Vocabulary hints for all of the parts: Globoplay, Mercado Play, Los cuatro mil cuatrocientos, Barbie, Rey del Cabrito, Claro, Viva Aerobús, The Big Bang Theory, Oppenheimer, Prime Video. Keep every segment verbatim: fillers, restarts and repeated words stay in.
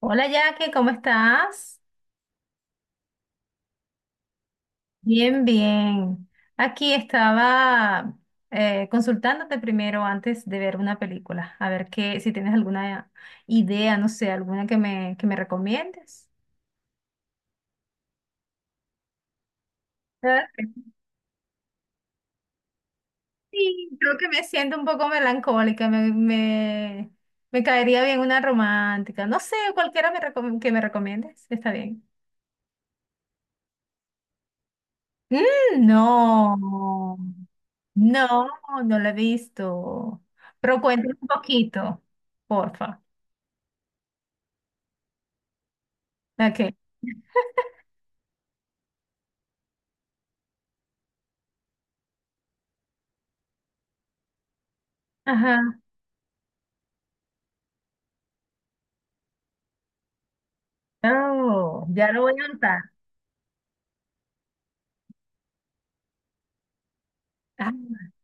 Hola Jackie, ¿cómo estás? Bien, bien. Aquí estaba eh, consultándote primero antes de ver una película, a ver qué, si tienes alguna idea, no sé, alguna que me, que me recomiendes. Ah, sí, creo que me siento un poco melancólica, me, me, me caería bien una romántica, no sé, cualquiera me recom- que me recomiendes, está bien. Mm, no, no, no la he visto. Pero cuéntame un poquito, porfa. Ok. Ajá. Oh, ya lo voy a anotar. Ah,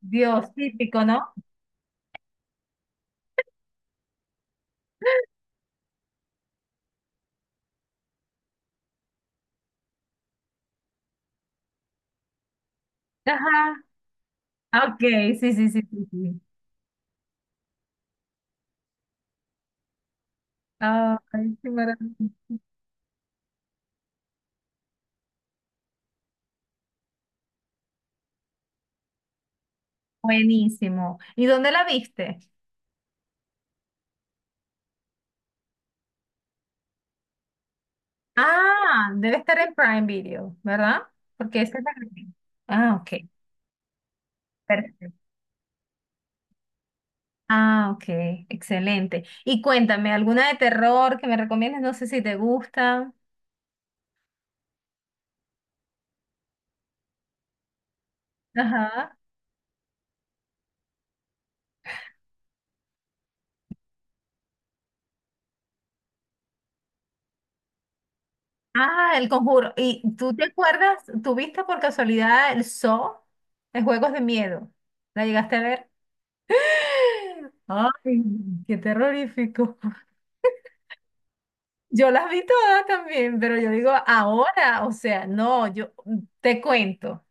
Dios, típico, ¿no? Ajá. Ah, ok, sí, sí, sí, sí, sí. Ay, qué maravilloso. Buenísimo. ¿Y dónde la viste? Ah, debe estar en Prime Video, ¿verdad? Porque esa es la que... Ah, ok. Perfecto. Ah, ok, excelente. Y cuéntame, ¿alguna de terror que me recomiendes? No sé si te gusta. Ajá. Ah, El Conjuro. ¿Y tú te acuerdas, tuviste por casualidad el Saw, de Juegos de Miedo? ¿La llegaste a ver? Ay, qué terrorífico. Yo las vi todas también, pero yo digo ahora, o sea, no, yo te cuento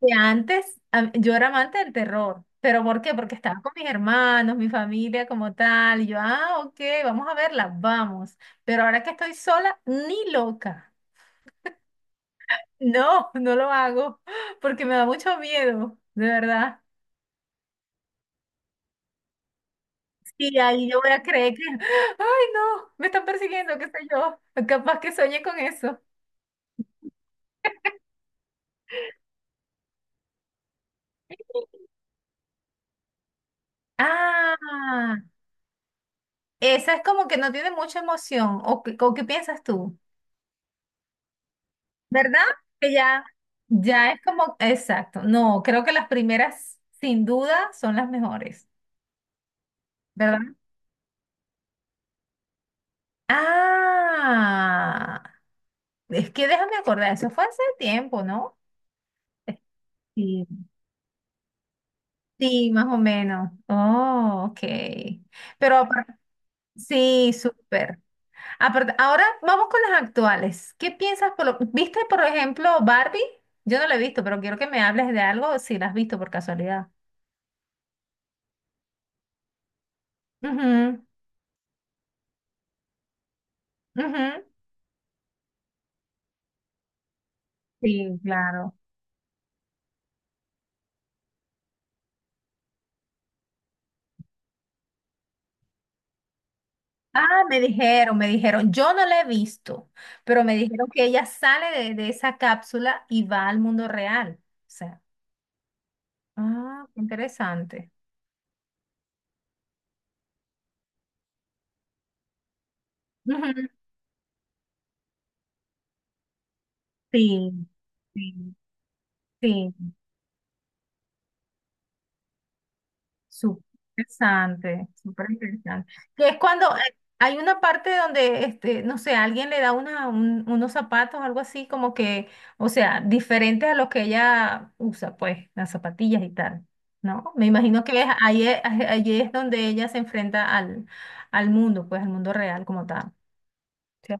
que antes a- yo era amante del terror, pero ¿por qué? Porque estaba con mis hermanos, mi familia como tal, y yo, ah, ok, vamos a verla, vamos, pero ahora que estoy sola, ni loca, no, no lo hago, porque me da mucho miedo, de verdad. Y ahí yo voy a creer que, ay, no, me están persiguiendo, qué sé yo, capaz que soñé con eso. Ah. Esa es como que no tiene mucha emoción. ¿O qué o qué piensas tú? ¿Verdad? Que ya, ya es como, exacto. No, creo que las primeras, sin duda, son las mejores. ¿Verdad? Ah, es que déjame acordar, eso fue hace tiempo, ¿no? Sí. Sí, más o menos. Oh, ok. Pero apar- sí, súper. Aparte- ahora vamos con las actuales. ¿Qué piensas por lo- ¿Viste, por ejemplo, Barbie? Yo no la he visto, pero quiero que me hables de algo si la has visto por casualidad. Ujú, ujú. Sí, claro. Ah, me dijeron, me dijeron, yo no la he visto, pero me dijeron que ella sale de, de esa cápsula y va al mundo real. O sea, ah, qué interesante. Ujú. Sí, sí, sí. Súper interesante, súper interesante. Que es cuando hay hay una parte donde, este, no sé, alguien le da una, un- unos zapatos, algo así, como que, o sea, diferentes a los que ella usa, pues, las zapatillas y tal, ¿no? Me imagino que es- ahí es, ahí es donde ella se enfrenta al, al mundo, pues, al mundo real como tal. ¿Sí?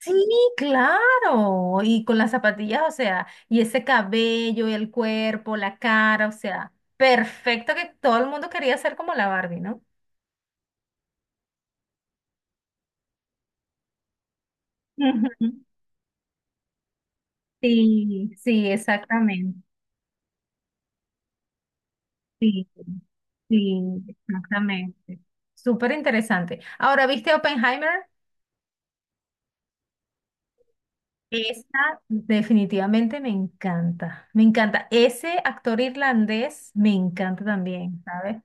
Sí, claro. Y con las zapatillas, o sea, y ese cabello, el cuerpo, la cara, o sea, perfecto, que todo el mundo quería ser como la Barbie, ¿no? Ujú. Sí, sí, exactamente. Sí, sí, exactamente. Súper interesante. Ahora, ¿viste Oppenheimer? Esa definitivamente me encanta. Me encanta. Ese actor irlandés me encanta también, ¿sabes?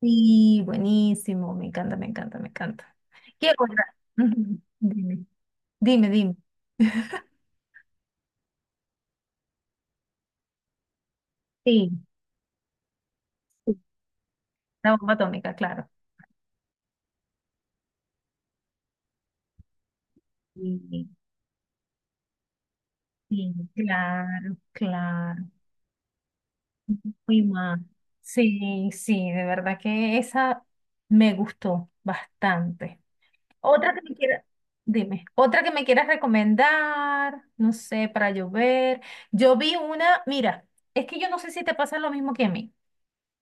Sí, buenísimo. Me encanta, me encanta, me encanta. ¿Qué otra? Ujú, dime, dime, dime. Sí, sí, la bomba atómica, claro. Sí, sí, claro, claro. Muy mal. Sí, sí, de verdad que esa me gustó bastante. Otra que me quiera, dime, otra que me quieras recomendar, no sé, para llover. Yo ver. Yo vi una, mira, es que yo no sé si te pasa lo mismo que a mí.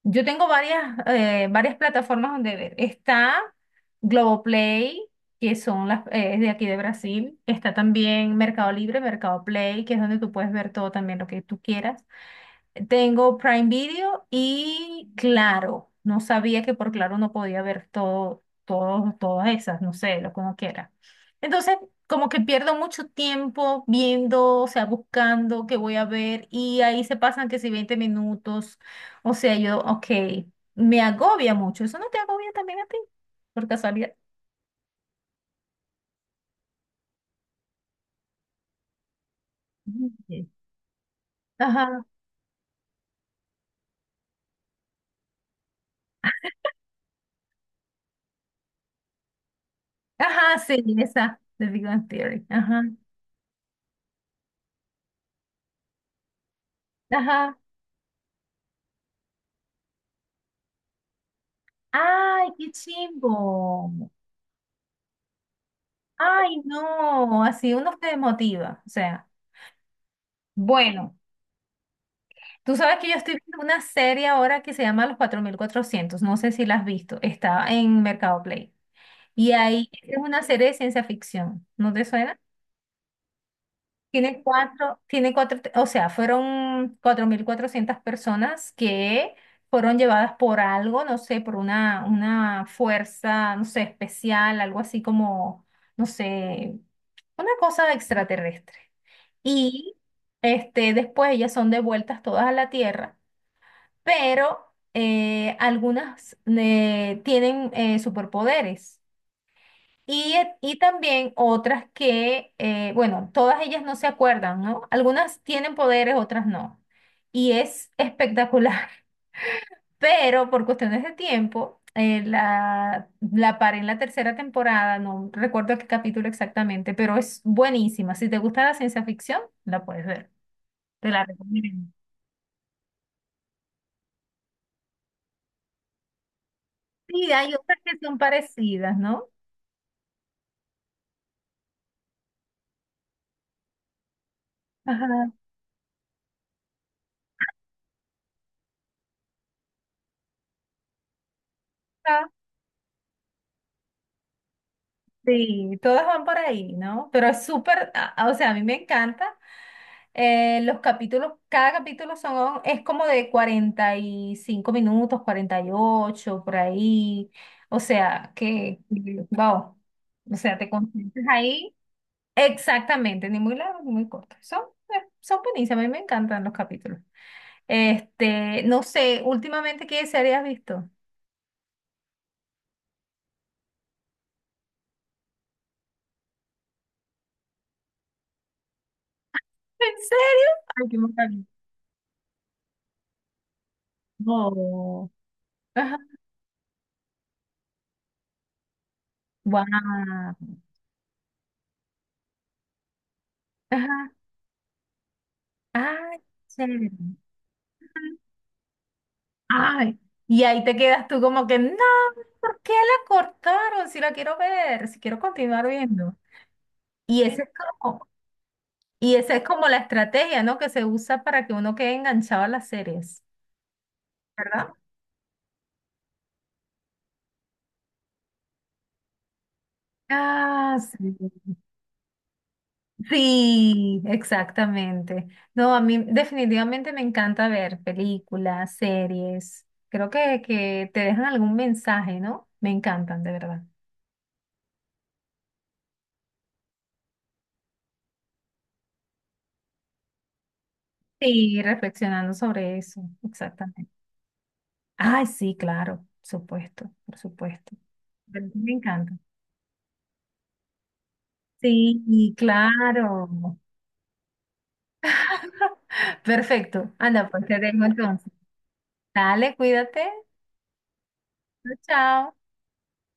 Yo tengo varias, eh, varias plataformas donde ver. Está Globoplay, que son las, eh, es de aquí de Brasil. Está también Mercado Libre, Mercado Play, que es donde tú puedes ver todo también lo que tú quieras. Tengo Prime Video y Claro. No sabía que por Claro no podía ver todo, todo, todas esas, no sé, lo como quiera. Entonces, como que pierdo mucho tiempo viendo, o sea, buscando qué voy a ver y ahí se pasan que si veinte minutos, o sea, yo, ok, me agobia mucho. ¿Eso no te agobia también a ti, por casualidad? Sí. Ajá, ajá, sí, esa, The Big Bang Theory, ajá, ajá. ¡Ay, qué chimbo! Ay, no, así uno se desmotiva. O sea, bueno, tú sabes que yo estoy viendo una serie ahora que se llama Los cuatro mil cuatrocientos. No sé si la has visto, está en Mercado Play. Y ahí es una serie de ciencia ficción, ¿no te suena? Tiene cuatro, tiene cuatro, te- o sea, fueron cuatro mil cuatrocientas personas que fueron llevadas por algo, no sé, por una, una fuerza, no sé, especial, algo así como, no sé, una cosa extraterrestre. Y este, después ellas son devueltas todas a la Tierra, pero eh, algunas eh, tienen eh, superpoderes. Y, y también otras que, eh, bueno, todas ellas no se acuerdan, ¿no? Algunas tienen poderes, otras no. Y es espectacular, pero por cuestiones de tiempo, eh, la, la paré en la tercera temporada, no recuerdo qué capítulo exactamente, pero es buenísima. Si te gusta la ciencia ficción, la puedes ver. Te la recomiendo. Sí, hay otras que son parecidas, ¿no? Ajá. Ah, sí, todas van por ahí, ¿no? Pero es súper, a- a- o sea, a mí me encanta. Eh, los capítulos, cada capítulo son, es como de cuarenta y cinco minutos, cuarenta y ocho por ahí. O sea, que, wow. O sea, te concentras ahí. Exactamente, ni muy largos ni muy cortos. Son, eh, son buenísimos, a mí me encantan los capítulos. Este, no sé, últimamente, ¿qué serie has visto? ¿En serio? Ay, qué maravilla. No. Ajá. Guau. Ajá. Ay, chévere. Ay. Y ahí te quedas tú como que, no, ¿por qué la cortaron? Si la quiero ver, si quiero continuar viendo. Y ese es como, y esa es como la estrategia, ¿no? Que se usa para que uno quede enganchado a las series, ¿verdad? Ah, sí. Sí, exactamente. No, a mí definitivamente me encanta ver películas, series. Creo que, que te dejan algún mensaje, ¿no? Me encantan, de verdad. Sí, reflexionando sobre eso, exactamente. Ay, sí, claro, por supuesto, por supuesto. Pero sí, me encanta. Sí, y claro. Perfecto. Anda, pues te dejo entonces. Dale, cuídate. Chao, chao.